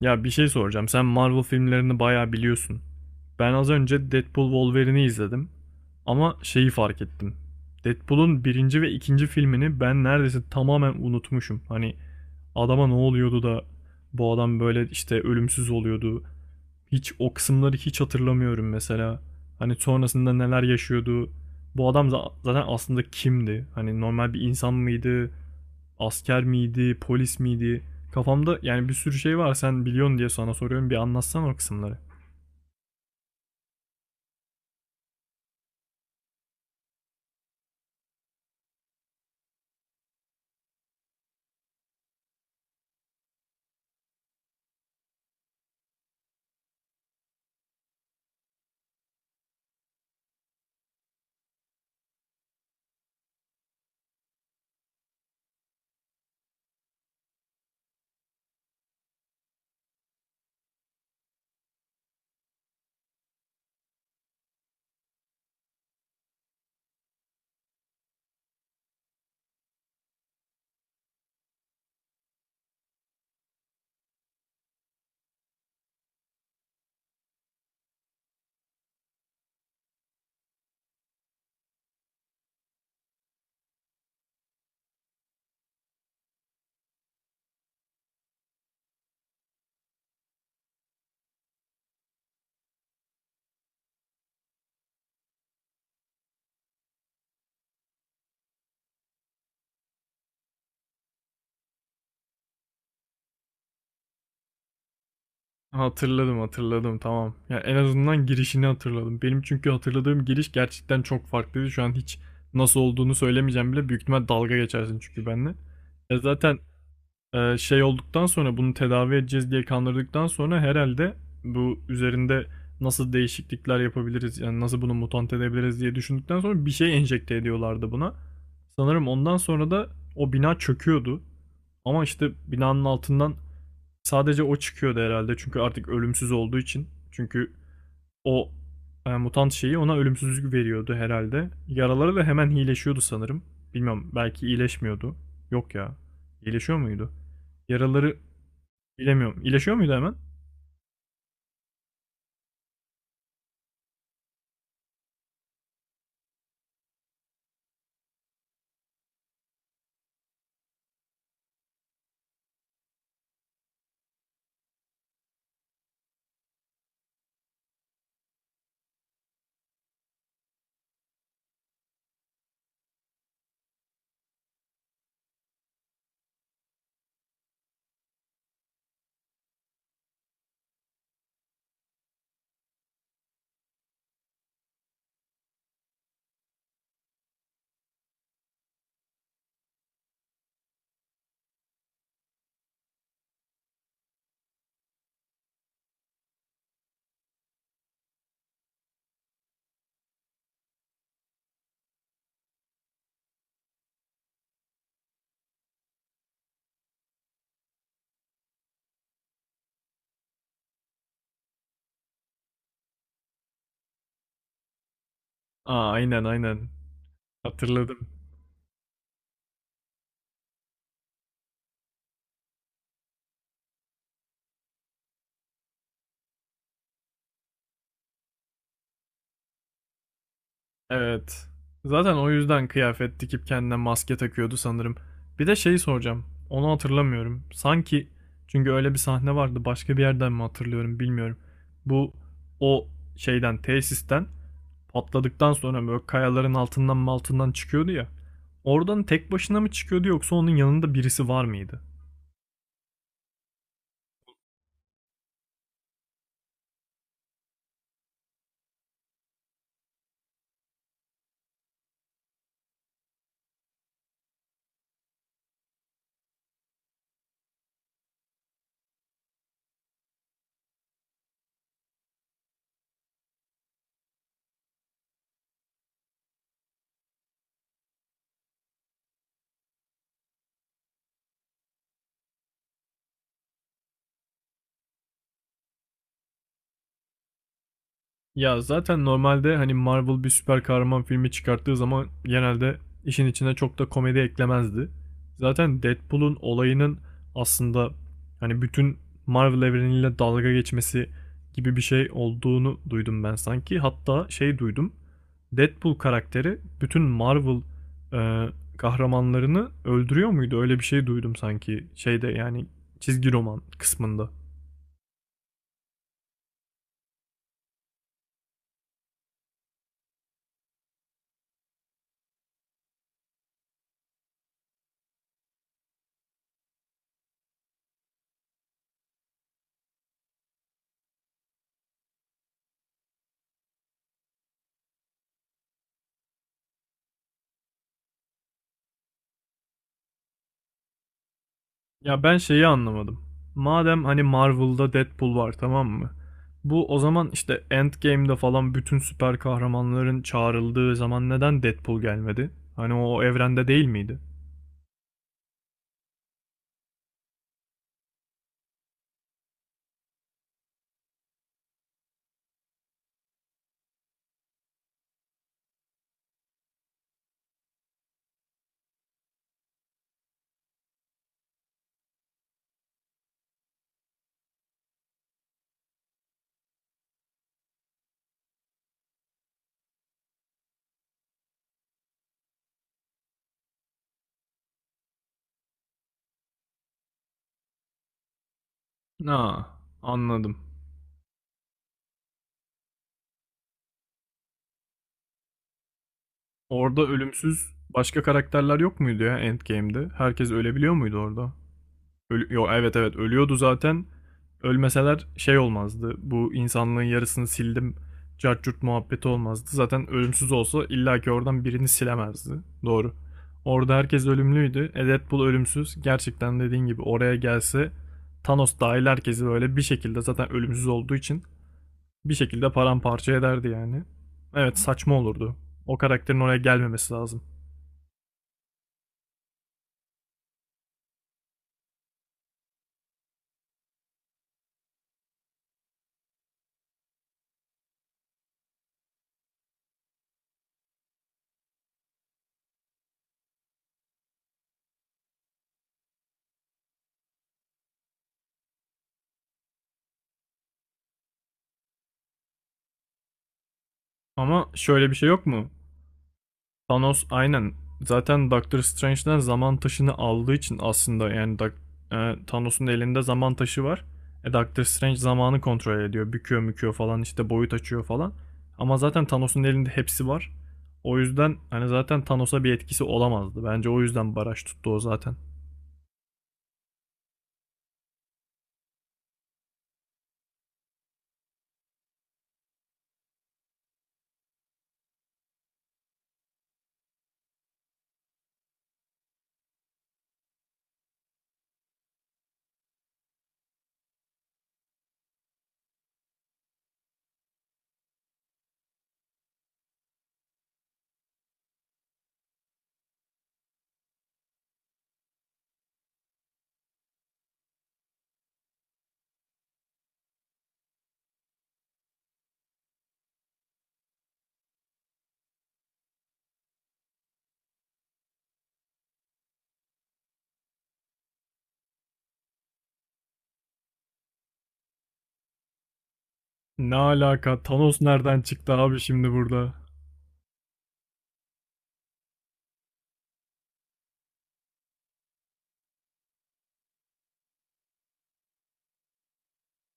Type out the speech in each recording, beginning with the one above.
Ya bir şey soracağım. Sen Marvel filmlerini bayağı biliyorsun. Ben az önce Deadpool Wolverine'i izledim. Ama şeyi fark ettim. Deadpool'un birinci ve ikinci filmini ben neredeyse tamamen unutmuşum. Hani adama ne oluyordu da bu adam böyle işte ölümsüz oluyordu. Hiç o kısımları hiç hatırlamıyorum mesela. Hani sonrasında neler yaşıyordu. Bu adam zaten aslında kimdi? Hani normal bir insan mıydı? Asker miydi, polis miydi? Kafamda yani bir sürü şey var. Sen biliyorsun diye sana soruyorum. Bir anlatsana o kısımları. Hatırladım, hatırladım. Tamam. Yani en azından girişini hatırladım. Benim çünkü hatırladığım giriş gerçekten çok farklıydı. Şu an hiç nasıl olduğunu söylemeyeceğim bile. Büyük ihtimal dalga geçersin çünkü benimle. E zaten şey olduktan sonra bunu tedavi edeceğiz diye kandırdıktan sonra herhalde bu üzerinde nasıl değişiklikler yapabiliriz yani nasıl bunu mutant edebiliriz diye düşündükten sonra bir şey enjekte ediyorlardı buna. Sanırım ondan sonra da o bina çöküyordu. Ama işte binanın altından sadece o çıkıyordu herhalde çünkü artık ölümsüz olduğu için. Çünkü o mutant şeyi ona ölümsüzlük veriyordu herhalde. Yaraları da hemen iyileşiyordu sanırım. Bilmiyorum, belki iyileşmiyordu. Yok ya. İyileşiyor muydu? Yaraları bilemiyorum. İyileşiyor muydu hemen? Aa aynen aynen. Hatırladım. Evet. Zaten o yüzden kıyafet dikip kendine maske takıyordu sanırım. Bir de şeyi soracağım. Onu hatırlamıyorum. Sanki çünkü öyle bir sahne vardı. Başka bir yerden mi hatırlıyorum bilmiyorum. Bu o şeyden, tesisten patladıktan sonra böyle kayaların altından mı altından çıkıyordu ya. Oradan tek başına mı çıkıyordu, yoksa onun yanında birisi var mıydı? Ya zaten normalde hani Marvel bir süper kahraman filmi çıkarttığı zaman genelde işin içine çok da komedi eklemezdi. Zaten Deadpool'un olayının aslında hani bütün Marvel evreniyle dalga geçmesi gibi bir şey olduğunu duydum ben sanki. Hatta şey duydum. Deadpool karakteri bütün Marvel e, kahramanlarını öldürüyor muydu? Öyle bir şey duydum sanki şeyde, yani çizgi roman kısmında. Ya ben şeyi anlamadım. Madem hani Marvel'da Deadpool var, tamam mı? Bu o zaman işte Endgame'de falan bütün süper kahramanların çağrıldığı zaman neden Deadpool gelmedi? Hani o evrende değil miydi? Ha, anladım. Orada ölümsüz başka karakterler yok muydu ya Endgame'de? Herkes ölebiliyor muydu orada? Yok, evet evet, ölüyordu zaten. Ölmeseler şey olmazdı. Bu insanlığın yarısını sildim. Cart curt muhabbeti olmazdı. Zaten ölümsüz olsa illaki oradan birini silemezdi. Doğru. Orada herkes ölümlüydü. E, Deadpool ölümsüz. Gerçekten dediğin gibi oraya gelse Thanos dahil herkesi böyle bir şekilde zaten ölümsüz olduğu için bir şekilde paramparça ederdi yani. Evet, saçma olurdu. O karakterin oraya gelmemesi lazım. Ama şöyle bir şey yok mu? Thanos aynen. Zaten Doctor Strange'den zaman taşını aldığı için aslında yani Thanos'un elinde zaman taşı var. E, Doctor Strange zamanı kontrol ediyor. Büküyor müküyor falan işte boyut açıyor falan. Ama zaten Thanos'un elinde hepsi var. O yüzden hani zaten Thanos'a bir etkisi olamazdı. Bence o yüzden baraj tuttu o zaten. Ne alaka? Thanos nereden çıktı abi şimdi burada?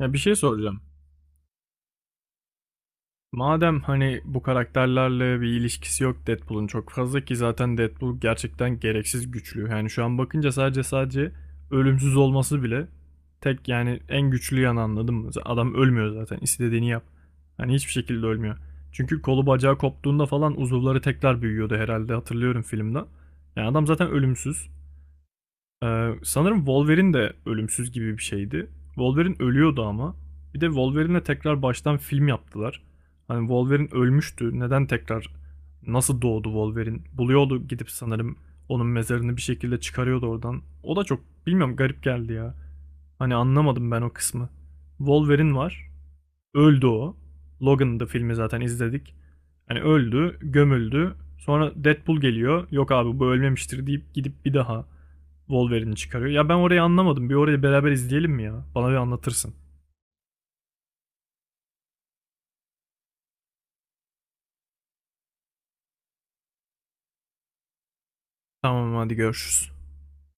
Ya bir şey soracağım. Madem hani bu karakterlerle bir ilişkisi yok Deadpool'un çok fazla ki zaten Deadpool gerçekten gereksiz güçlü. Yani şu an bakınca sadece ölümsüz olması bile tek yani en güçlü yanı, anladın mı? Adam ölmüyor zaten, istediğini yap. Hani hiçbir şekilde ölmüyor. Çünkü kolu bacağı koptuğunda falan uzuvları tekrar büyüyordu herhalde, hatırlıyorum filmden. Yani adam zaten ölümsüz. Sanırım Wolverine de ölümsüz gibi bir şeydi. Wolverine ölüyordu ama. Bir de Wolverine'le tekrar baştan film yaptılar. Hani Wolverine ölmüştü. Neden tekrar nasıl doğdu Wolverine? Buluyordu, gidip sanırım onun mezarını bir şekilde çıkarıyordu oradan. O da çok, bilmiyorum, garip geldi ya. Hani anlamadım ben o kısmı. Wolverine var. Öldü o. Logan'dı filmi, zaten izledik. Hani öldü, gömüldü. Sonra Deadpool geliyor. Yok abi bu ölmemiştir deyip gidip bir daha Wolverine'i çıkarıyor. Ya ben orayı anlamadım. Bir orayı beraber izleyelim mi ya? Bana bir anlatırsın. Tamam, hadi görüşürüz.